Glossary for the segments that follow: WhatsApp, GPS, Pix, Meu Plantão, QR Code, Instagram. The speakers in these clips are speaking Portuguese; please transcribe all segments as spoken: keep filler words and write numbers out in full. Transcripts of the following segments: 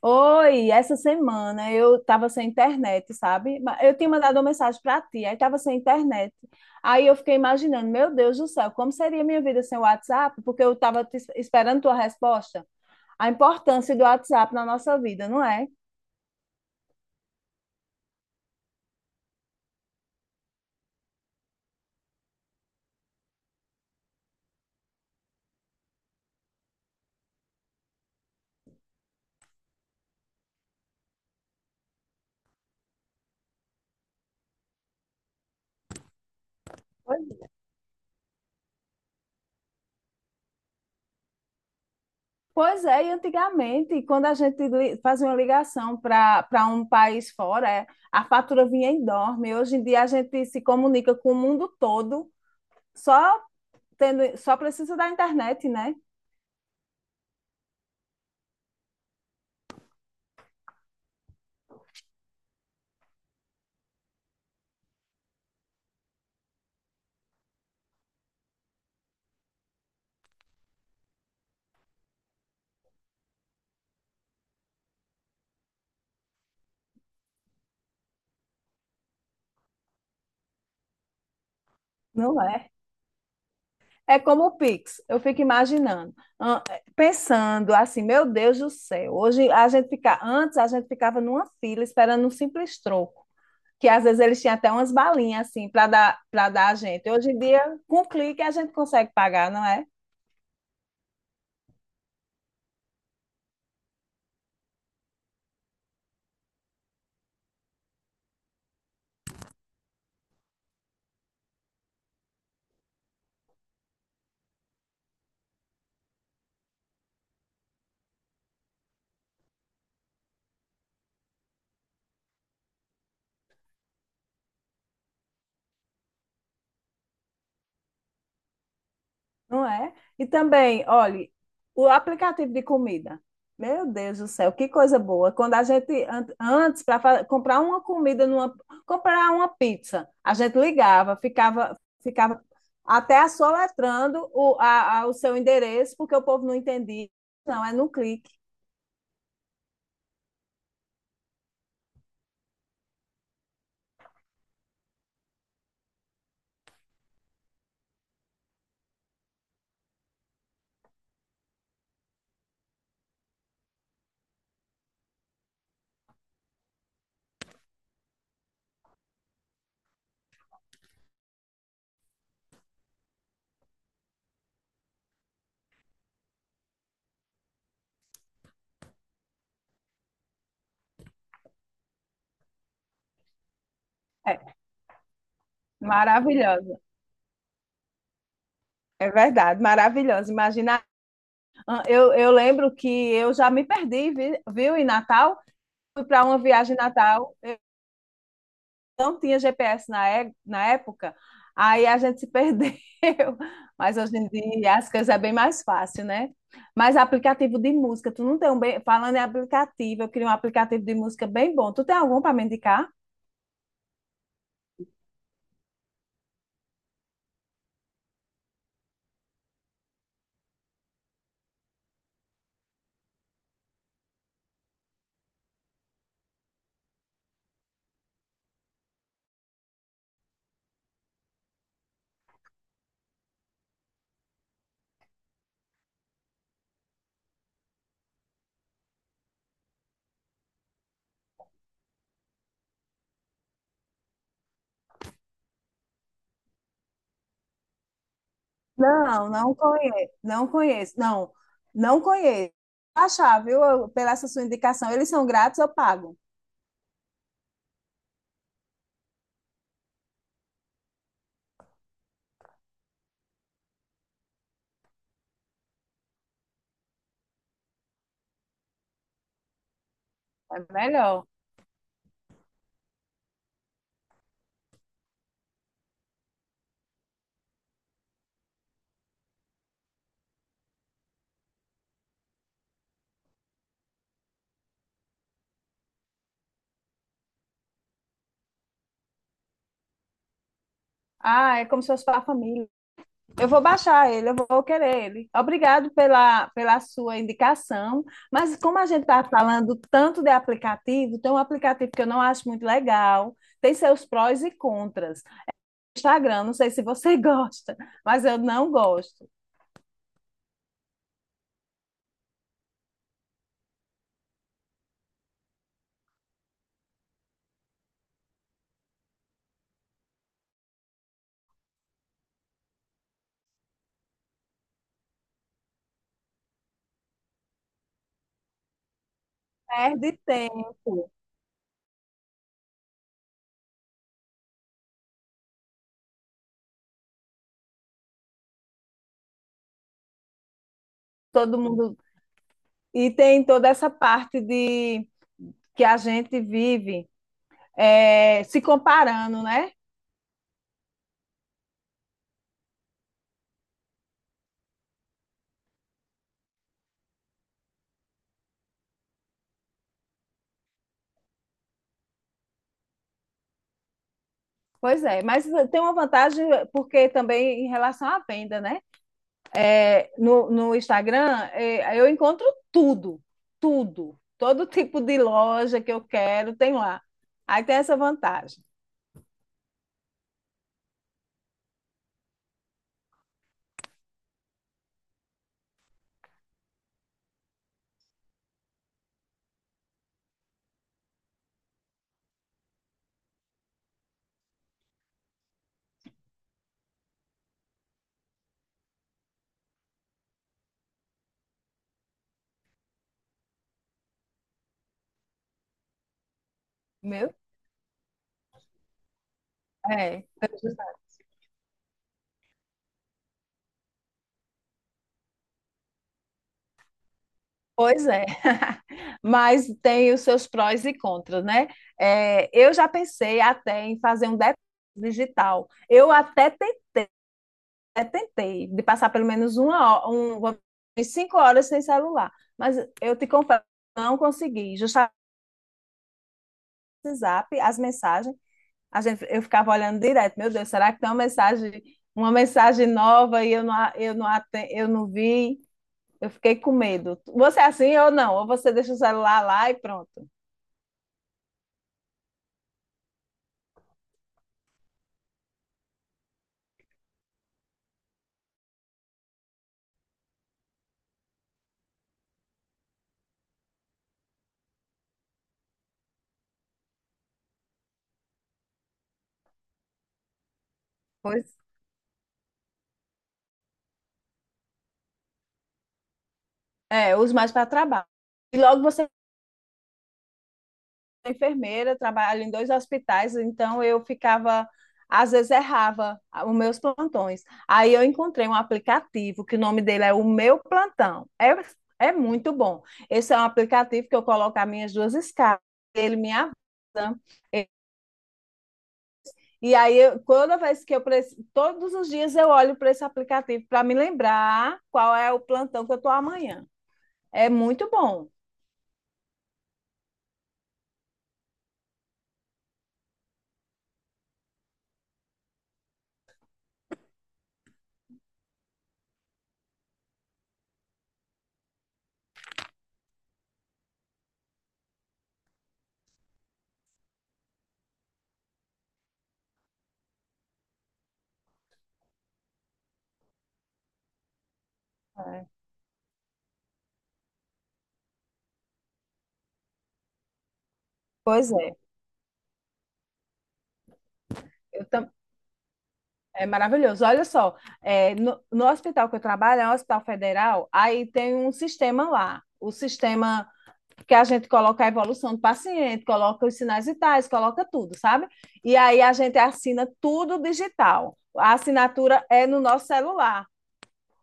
Oi, essa semana eu tava sem internet, sabe? Ma- Eu tinha mandado uma mensagem para ti, aí tava sem internet. Aí eu fiquei imaginando, meu Deus do céu, como seria minha vida sem o WhatsApp? Porque eu tava te- esperando tua resposta. A importância do WhatsApp na nossa vida, não é? Pois é, e antigamente, quando a gente li- fazia uma ligação para para um país fora, é, a fatura vinha enorme. Hoje em dia a gente se comunica com o mundo todo, só tendo, só precisa da internet, né? Não é? É como o Pix, eu fico imaginando, ah, pensando assim, meu Deus do céu, hoje a gente fica, antes a gente ficava numa fila esperando um simples troco, que às vezes eles tinham até umas balinhas assim para dar para dar a gente. Hoje em dia, com um clique a gente consegue pagar, não é? Não é? E também, olhe, o aplicativo de comida. Meu Deus do céu, que coisa boa. Quando a gente, an- antes, para comprar uma comida, numa, comprar uma pizza, a gente ligava, ficava, ficava até soletrando o, a, a- o seu endereço, porque o povo não entendia. Não, é no clique. É, maravilhosa. É verdade, maravilhosa. Imagina, ah, eu, eu lembro que eu já me perdi, vi- viu, em Natal. Fui para uma viagem em Natal. Não tinha G P S na, é- na época, aí a gente se perdeu. Mas hoje em dia as coisas é bem mais fácil, né? Mas aplicativo de música, tu não tem um bem. Falando em aplicativo, eu queria um aplicativo de música bem bom. Tu tem algum para me indicar? Não, não conheço, não conheço, não, não conheço. Achar, viu? Eu- pela essa sua indicação, eles são grátis, eu pago. É melhor. Ah, é como se fosse para a família. Eu vou baixar ele, eu vou querer ele. Obrigado pela, pela sua indicação. Mas como a gente está falando tanto de aplicativo, tem um aplicativo que eu não acho muito legal, tem seus prós e contras. Instagram, não sei se você gosta, mas eu não gosto. Perde tempo. Todo mundo e tem toda essa parte de que a gente vive é, se comparando, né? Pois é, mas tem uma vantagem porque também em relação à venda, né? É, no, no Instagram é, eu encontro tudo, tudo, todo tipo de loja que eu quero tem lá. Aí tem essa vantagem. Meu? É, pois é, mas tem os seus prós e contras, né? É, eu já pensei até em fazer um detox digital. Eu até tentei, tentei de passar pelo menos uma hora, um, umas cinco horas sem celular, mas eu te confesso, não consegui. Justamente o WhatsApp, as mensagens, a gente, eu ficava olhando direto. Meu Deus, será que tem uma mensagem, uma mensagem nova e eu não, a- eu não, aten- eu não vi? Eu fiquei com medo. Você é assim ou não? Ou você deixa o celular lá e pronto. É, eu uso mais para trabalho. E logo você é enfermeira, trabalha em dois hospitais, então eu ficava, às vezes errava os meus plantões. Aí eu encontrei um aplicativo que o nome dele é o Meu Plantão. É, é muito bom. Esse é um aplicativo que eu coloco as minhas duas escalas, ele me avisa. E aí, eu, toda vez que eu preciso, todos os dias eu olho para esse aplicativo para me lembrar qual é o plantão que eu estou amanhã. É muito bom. É. Pois é. Eu tam- É maravilhoso. Olha só, é, no, no hospital que eu trabalho, é um hospital federal, aí tem um sistema lá. O sistema que a gente coloca a evolução do paciente, coloca os sinais vitais, coloca tudo, sabe? E aí a gente assina tudo digital. A assinatura é no nosso celular,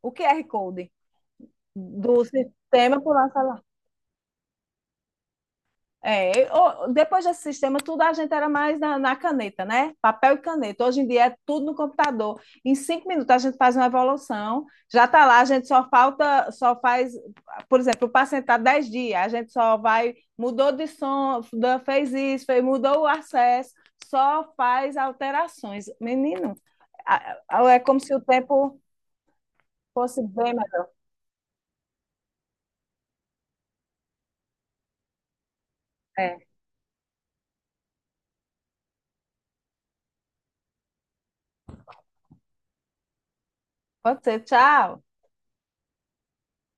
o Q R Code do sistema por nosso celular. É, o- depois desse sistema, tudo a gente era mais na, na caneta, né? Papel e caneta. Hoje em dia é tudo no computador. Em cinco minutos a gente faz uma evolução, já está lá, a gente só falta, só faz, por exemplo, o paciente está dez dias, a gente só vai, mudou de som, da- fez isso, fez- mudou o acesso, só faz alterações. Menino, é como se o tempo fosse bem melhor. É, pode ser, tchau.